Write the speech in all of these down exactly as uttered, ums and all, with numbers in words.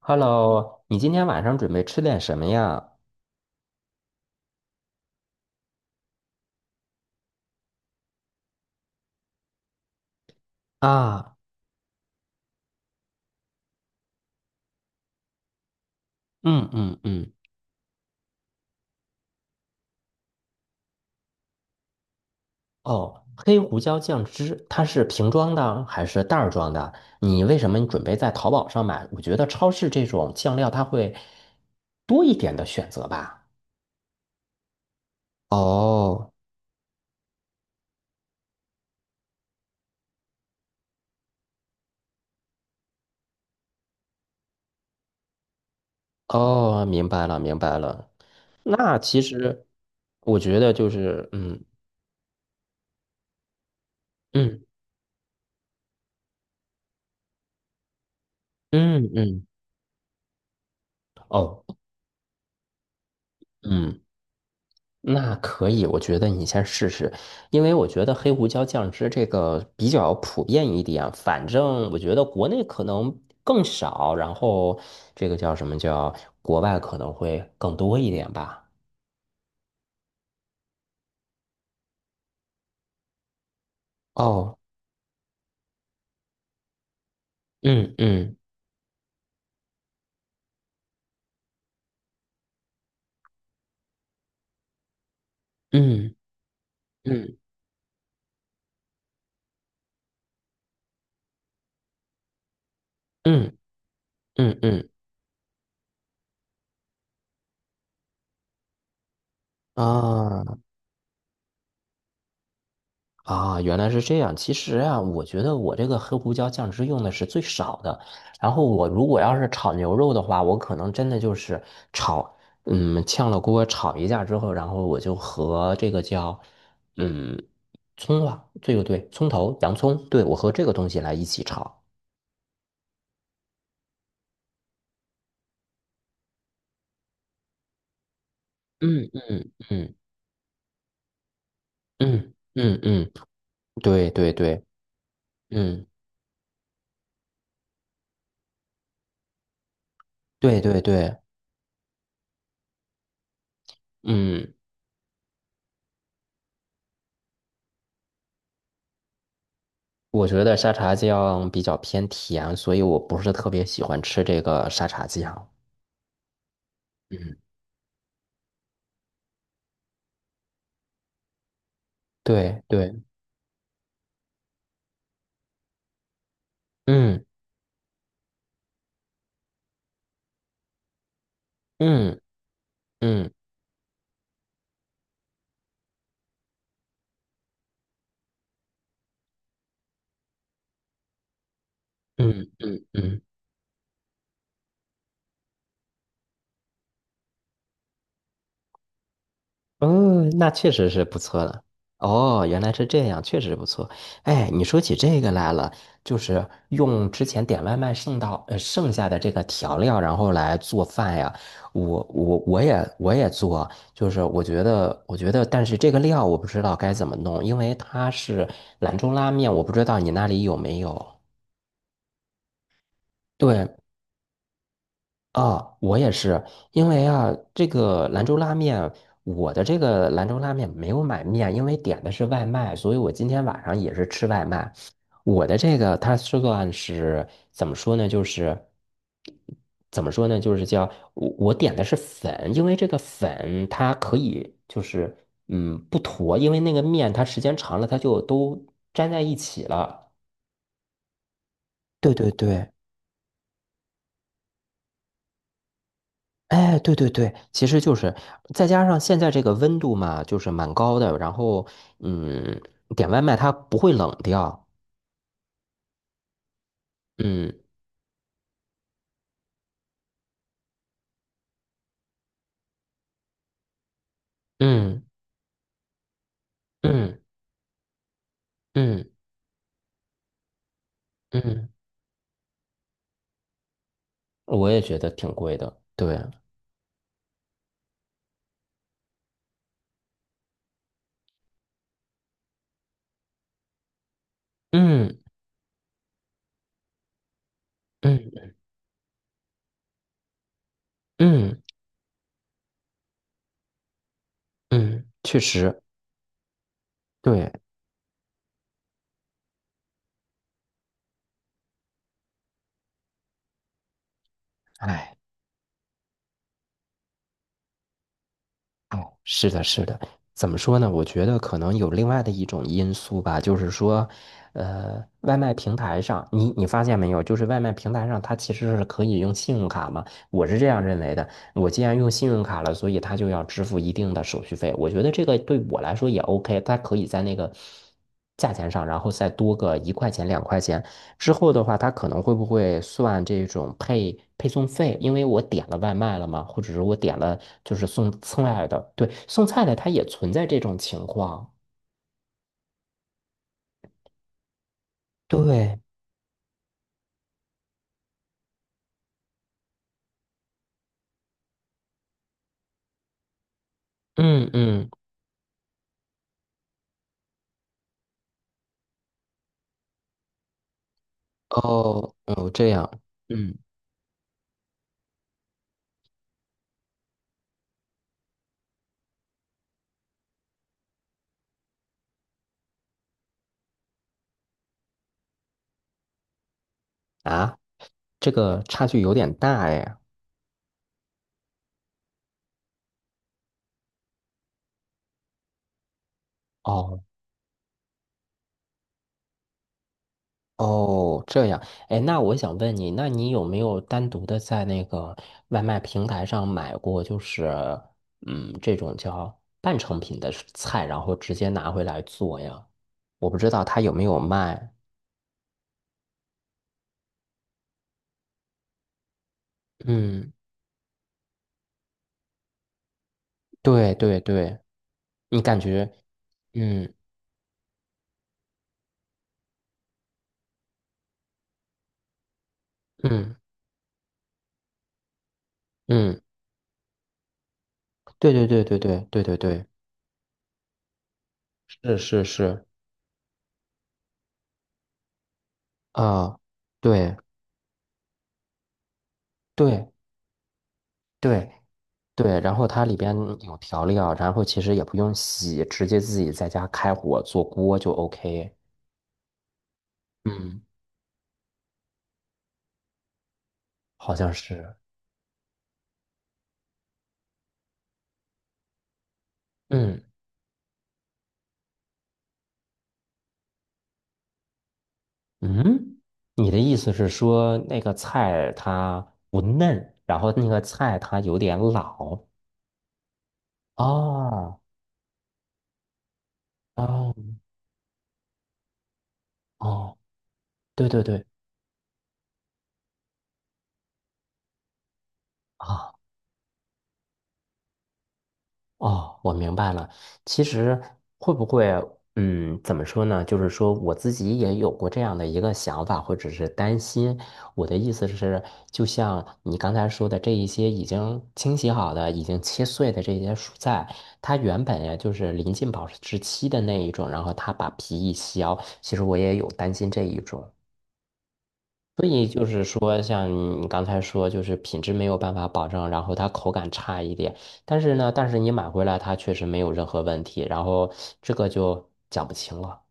Hello，你今天晚上准备吃点什么呀？啊，嗯嗯嗯，哦，黑胡椒酱汁，它是瓶装的还是袋儿装的？你为什么你准备在淘宝上买？我觉得超市这种酱料它会多一点的选择吧。哦哦，明白了明白了。那其实我觉得就是，嗯嗯嗯嗯，哦，嗯。那可以，我觉得你先试试，因为我觉得黑胡椒酱汁这个比较普遍一点，反正我觉得国内可能更少，然后这个叫什么叫国外可能会更多一点吧。哦，嗯嗯嗯嗯嗯嗯嗯啊。啊，原来是这样。其实啊，我觉得我这个黑胡椒酱汁用的是最少的。然后我如果要是炒牛肉的话，我可能真的就是炒，嗯，炝了锅炒一下之后，然后我就和这个叫，嗯，葱啊，这个对，葱头、洋葱，对，我和这个东西来一起炒。嗯嗯嗯嗯嗯嗯，对对对，嗯对对对，嗯。我觉得沙茶酱比较偏甜，所以我不是特别喜欢吃这个沙茶酱。嗯，对对，嗯嗯嗯嗯嗯嗯嗯。嗯，那确实是不错的。哦，原来是这样，确实不错。哎，你说起这个来了，就是用之前点外卖剩到呃剩下的这个调料，然后来做饭呀。我我我也我也做，就是我觉得我觉得，但是这个料我不知道该怎么弄，因为它是兰州拉面，我不知道你那里有没有。对，啊，我也是，因为啊，这个兰州拉面，我的这个兰州拉面没有买面，因为点的是外卖，所以我今天晚上也是吃外卖。我的这个它是算是怎么说呢？就是怎么说呢？就是叫我我点的是粉，因为这个粉它可以就是嗯不坨，因为那个面它时间长了它就都粘在一起了。对对对。哎，对对对，其实就是再加上现在这个温度嘛，就是蛮高的，然后嗯，点外卖它不会冷掉，嗯嗯嗯嗯嗯，我也觉得挺贵的，对，嗯嗯嗯嗯，确实，对，哎。哦，是的，是的，怎么说呢？我觉得可能有另外的一种因素吧，就是说，呃，外卖平台上，你你发现没有，就是外卖平台上它其实是可以用信用卡嘛，我是这样认为的。我既然用信用卡了，所以他就要支付一定的手续费。我觉得这个对我来说也 OK，他可以在那个价钱上，然后再多个一块钱、两块钱。之后的话，他可能会不会算这种配配送费？因为我点了外卖了嘛，或者是我点了就是送菜的，对，送菜的他也存在这种情况。对，嗯嗯，哦哦，这样，嗯啊，这个差距有点大哎。哦。哦，这样，哎，那我想问你，那你有没有单独的在那个外卖平台上买过，就是嗯，这种叫半成品的菜，然后直接拿回来做呀？我不知道他有没有卖。嗯，对对对，你感觉，嗯嗯嗯，对对对对对对对对，是是是，啊、对对对，对，然后它里边有调料，然后其实也不用洗，直接自己在家开火做锅就 OK。嗯，好像是。嗯嗯，你的意思是说那个菜它不嫩，然后那个菜它有点老？哦哦哦，对对对啊。哦，我明白了。其实会不会，嗯，怎么说呢？就是说我自己也有过这样的一个想法，或者是担心。我的意思是，就像你刚才说的，这一些已经清洗好的、已经切碎的这些蔬菜，它原本呀就是临近保质期的那一种，然后它把皮一削，其实我也有担心这一种。所以就是说，像你刚才说，就是品质没有办法保证，然后它口感差一点，但是呢，但是你买回来它确实没有任何问题，然后这个就讲不清了。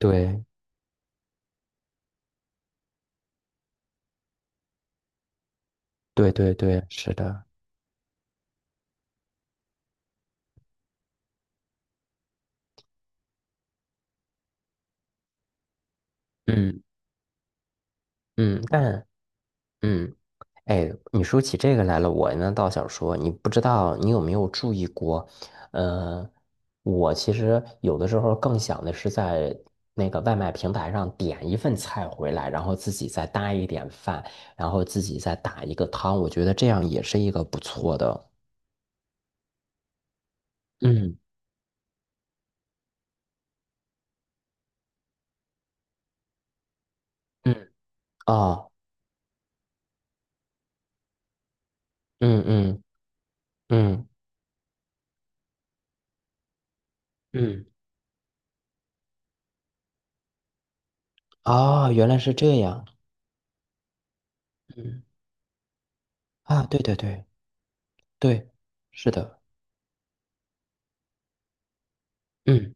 对对对对，是的，嗯嗯，但嗯。哎，你说起这个来了，我呢倒想说，你不知道你有没有注意过？呃，我其实有的时候更想的是在那个外卖平台上点一份菜回来，然后自己再搭一点饭，然后自己再打一个汤，我觉得这样也是一个不错的。嗯嗯哦，嗯嗯嗯，嗯哦，原来是这样嗯啊！对对对对，是的。嗯。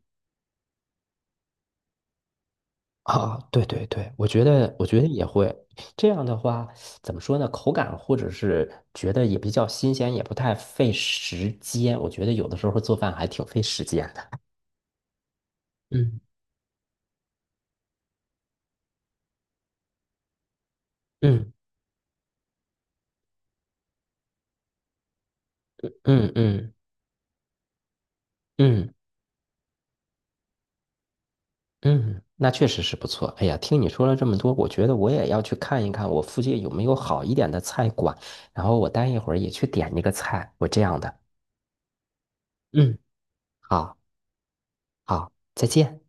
啊，对对对，我觉得，我觉得也会这样的话，怎么说呢？口感或者是觉得也比较新鲜，也不太费时间。我觉得有的时候做饭还挺费时间的。嗯嗯嗯嗯嗯嗯，那确实是不错。哎呀，听你说了这么多，我觉得我也要去看一看我附近有没有好一点的菜馆，然后我待一会儿也去点一个菜，我这样的。嗯，好，好，再见。